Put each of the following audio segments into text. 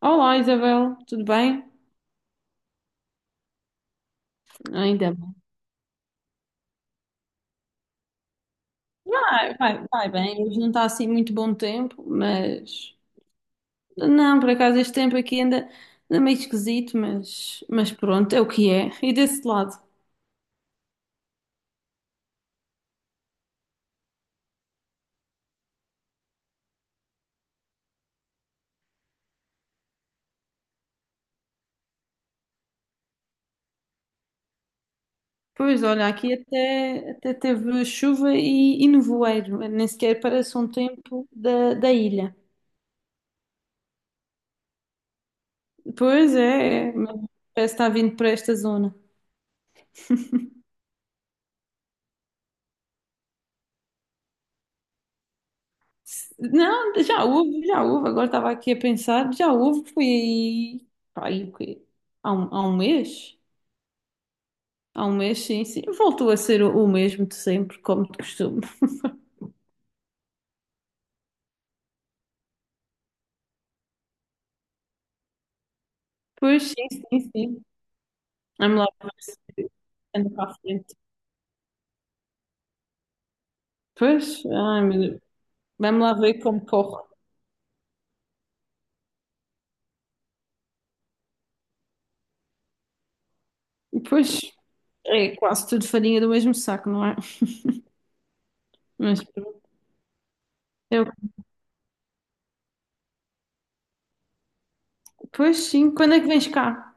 Olá Isabel, tudo bem? Ainda bem. Vai, vai bem, hoje não está assim muito bom tempo, mas não, por acaso este tempo aqui ainda meio esquisito, mas pronto, é o que é. E desse lado? Pois olha, aqui até teve chuva e nevoeiro, nem sequer parece um tempo da ilha. Pois é, mas parece que está vindo para esta zona. Não, já houve, já houve. Agora estava aqui a pensar, já houve, foi aí, pá, aí o quê? Há um mês? Há um mês, sim, sim. Voltou a ser o mesmo de sempre, como de costume. Pois, sim, sim, sim. Vamos lá ver se anda para a frente. Pois, ai, meu Deus. Vamos lá ver como corre. Pois, é quase tudo farinha do mesmo saco, não é? Mas, pronto. eu, pois sim, quando é que vens cá?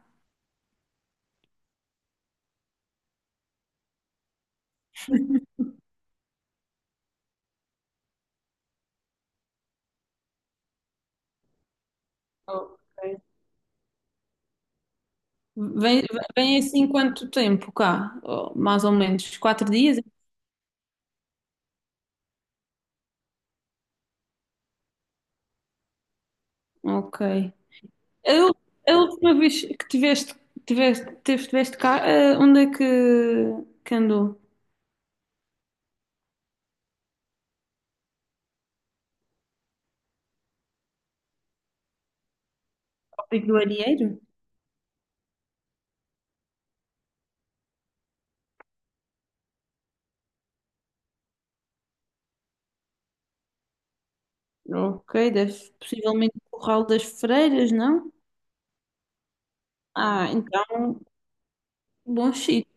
Ok. Vem, vem assim quanto tempo cá? Oh, mais ou menos. Quatro dias? Ok. Eu, a última vez que tiveste cá, onde é que andou? Pico do Arieiro? Ok, deve, possivelmente o Curral das Freiras, não? Ah, então, bom sítio.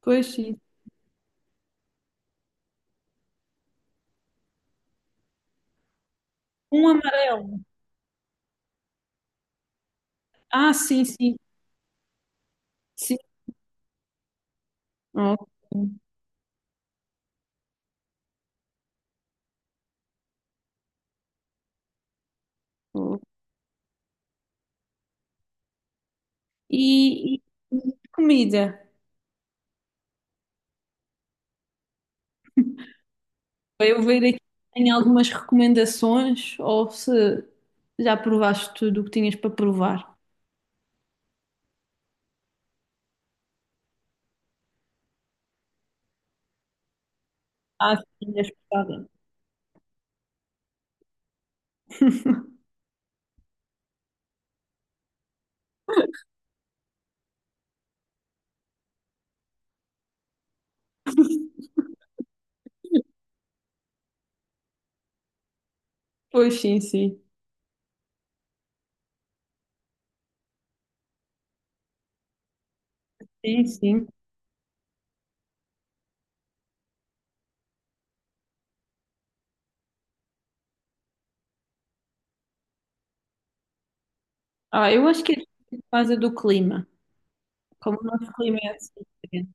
Pois sim. Um amarelo. Ah, sim, sim, sim. Ok. Ok. E comida? Para eu ver aqui se tem algumas recomendações ou se já provaste tudo o que tinhas para provar. Ah, sim, és pesada. Pois sim, sim. Sim, sim. Ah, eu acho que é por causa do clima. Como o nosso clima é assim diferente.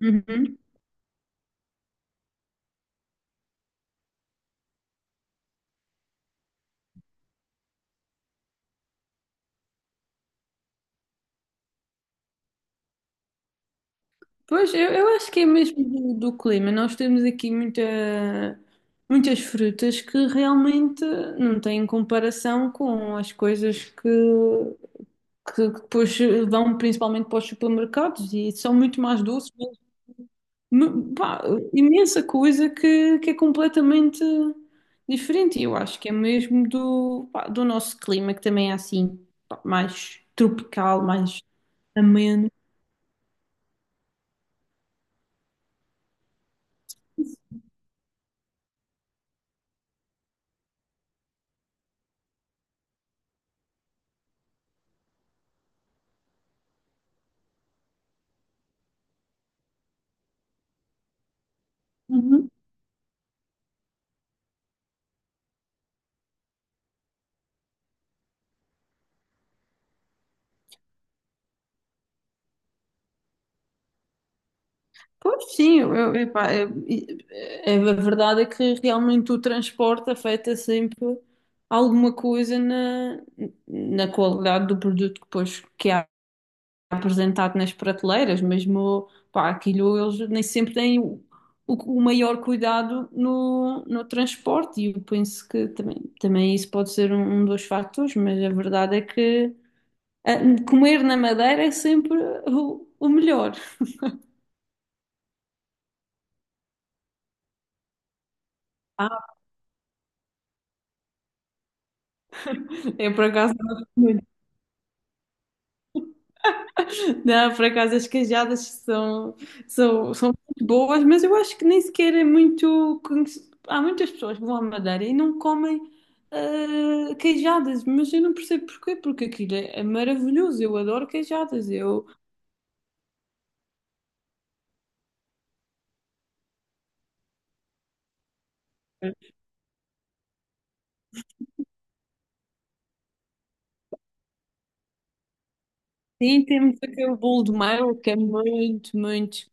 Uhum. Pois, eu acho que é mesmo do clima. Nós temos aqui muita, muitas frutas que realmente não têm comparação com as coisas que depois vão principalmente para os supermercados e são muito mais doces, me- pá, imensa coisa que é completamente diferente. E eu acho que é mesmo do, pá, do nosso clima, que também é assim, pá, mais tropical, mais ameno. Uhum. Pois sim, eu- epá, eu- é- é- a verdade é que realmente o transporte afeta sempre alguma coisa na, na qualidade do produto que depois que há apresentado nas prateleiras, mesmo, pá, aquilo eles nem sempre têm o maior cuidado no transporte e eu penso que também isso pode ser um, um dos fatores, mas a verdade é que ah, comer na Madeira é sempre o melhor. Ah, eu por acaso não, por acaso as cajadas são, são muito boas, mas eu acho que nem sequer é muito. Conhec- há muitas pessoas que vão à Madeira e não comem queijadas, mas eu não percebo porquê, porque aquilo é, é maravilhoso, eu adoro queijadas. Eu, sim, temos aquele bolo de mel que é muito, muito.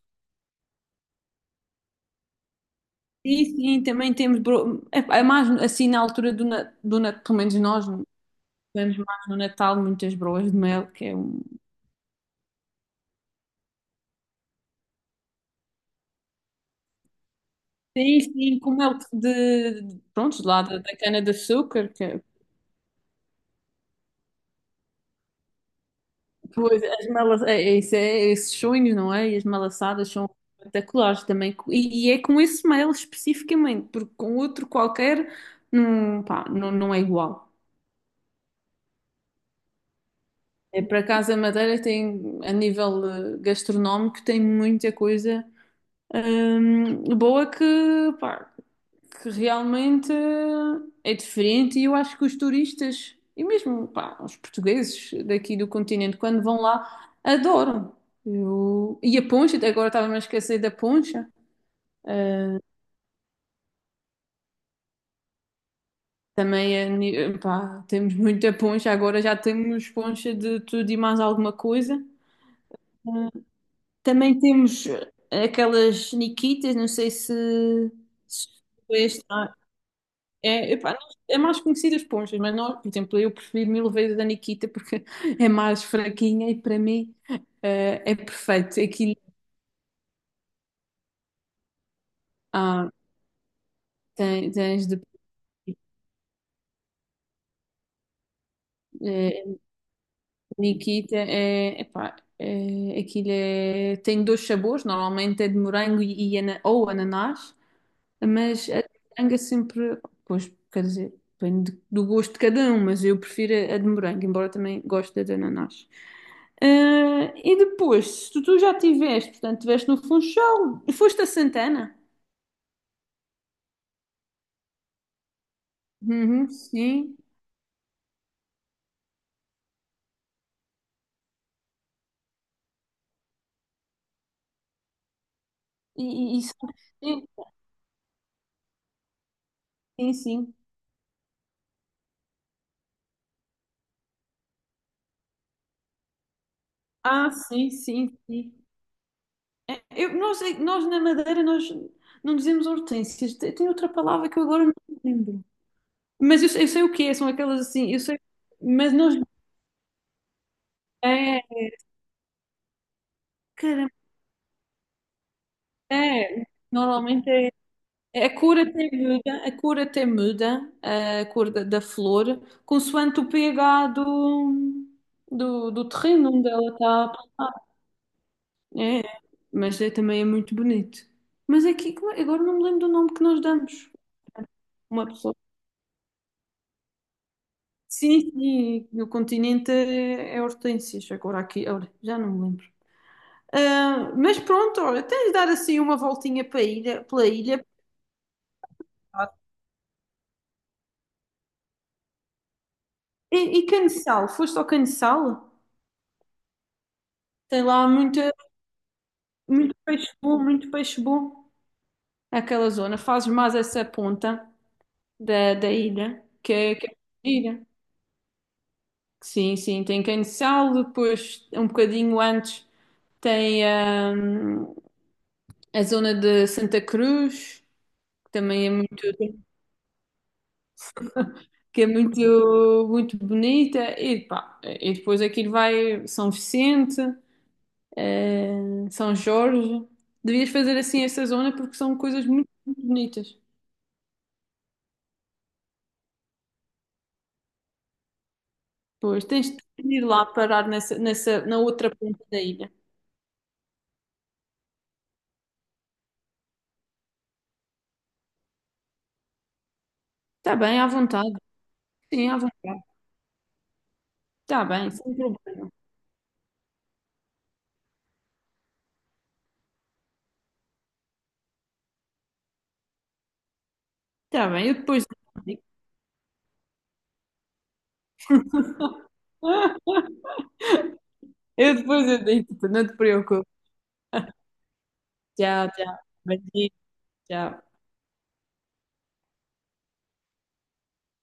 Sim, sim, também temos. Bro- é, é mais assim na altura do, na- do Natal, pelo menos nós comemos mais no Natal muitas broas de mel, que é um. Sim, sim, com mel de- pronto, lá da, da cana-de-açúcar, que pois, as malas é, é isso é, esses sonhos, não é? E as malaçadas são espetaculares também. E é com esse mel especificamente, porque com outro qualquer não, pá, não, não é igual. É para casa Madeira tem, a nível gastronómico, tem muita coisa boa que, pá, que realmente é diferente e eu acho que os turistas e mesmo pá, os portugueses daqui do continente quando vão lá adoram. Eu- e a poncha, até agora estava-me a esquecer da poncha. Ah, também é ni- pá, temos muita poncha, agora já temos poncha de tudo e mais alguma coisa. Ah, também temos aquelas niquitas, não sei se, se conhece. É, epá, não- é mais conhecidas as Ponchas, mas nós, por exemplo, eu prefiro mil vezes a Nikita porque é mais fraquinha e para mim é perfeito. Aquilo, ah, tem- tens de. eh, Nikita é. Epá, é, aquilo é, tem dois sabores, normalmente é de morango e ana- ou ananás. Mas a de moranga sempre, pois, quer dizer, depende de- do gosto de cada um, mas eu prefiro a de morango, embora também goste da de ananás. Ah, e depois, se tu, tu já tiveste, portanto, estiveste no Funchal e foste a Santana? Uhum, sim. E, e, e- sim, sim, sim. Ah, sim, sim, sim. É, eu, nós na Madeira nós não dizemos hortênsias, tem outra palavra que eu agora não me lembro. Mas eu sei o que é, são aquelas assim, eu sei, mas nós. É, é, normalmente é, a cor até muda, a cor até muda, a cor da, da flor, consoante o pH do terreno onde ela está plantada. É, mas é, também é muito bonito. Mas aqui, como é- agora não me lembro do nome que nós damos. Uma pessoa. Sim, sim, no continente é, é hortênsias, agora aqui, olha, já não me lembro. Ah, mas pronto, olha, tens de dar assim uma voltinha para a ilha, pela ilha. E Caneçal? Foste ao Caneçal? Tem lá muita, muito peixe bom aquela zona. Fazes mais essa ponta da ilha, que é gira. Sim, sim, tem Caneçal, depois um bocadinho antes tem hum, a zona de Santa Cruz, que também é muito, que é muito, muito bonita, pá, e depois aquilo vai São Vicente. São Jorge. Devias fazer assim essa zona porque são coisas muito, muito bonitas. Pois, tens de ir lá parar nessa, nessa, na outra ponta da ilha. Está bem, à vontade. Sim, à vontade. Está bem, sem problema. Está bem, eu depois digo. Eu depois eu digo, não te preocupes. Tchau, tchau. Beijinho, tchau.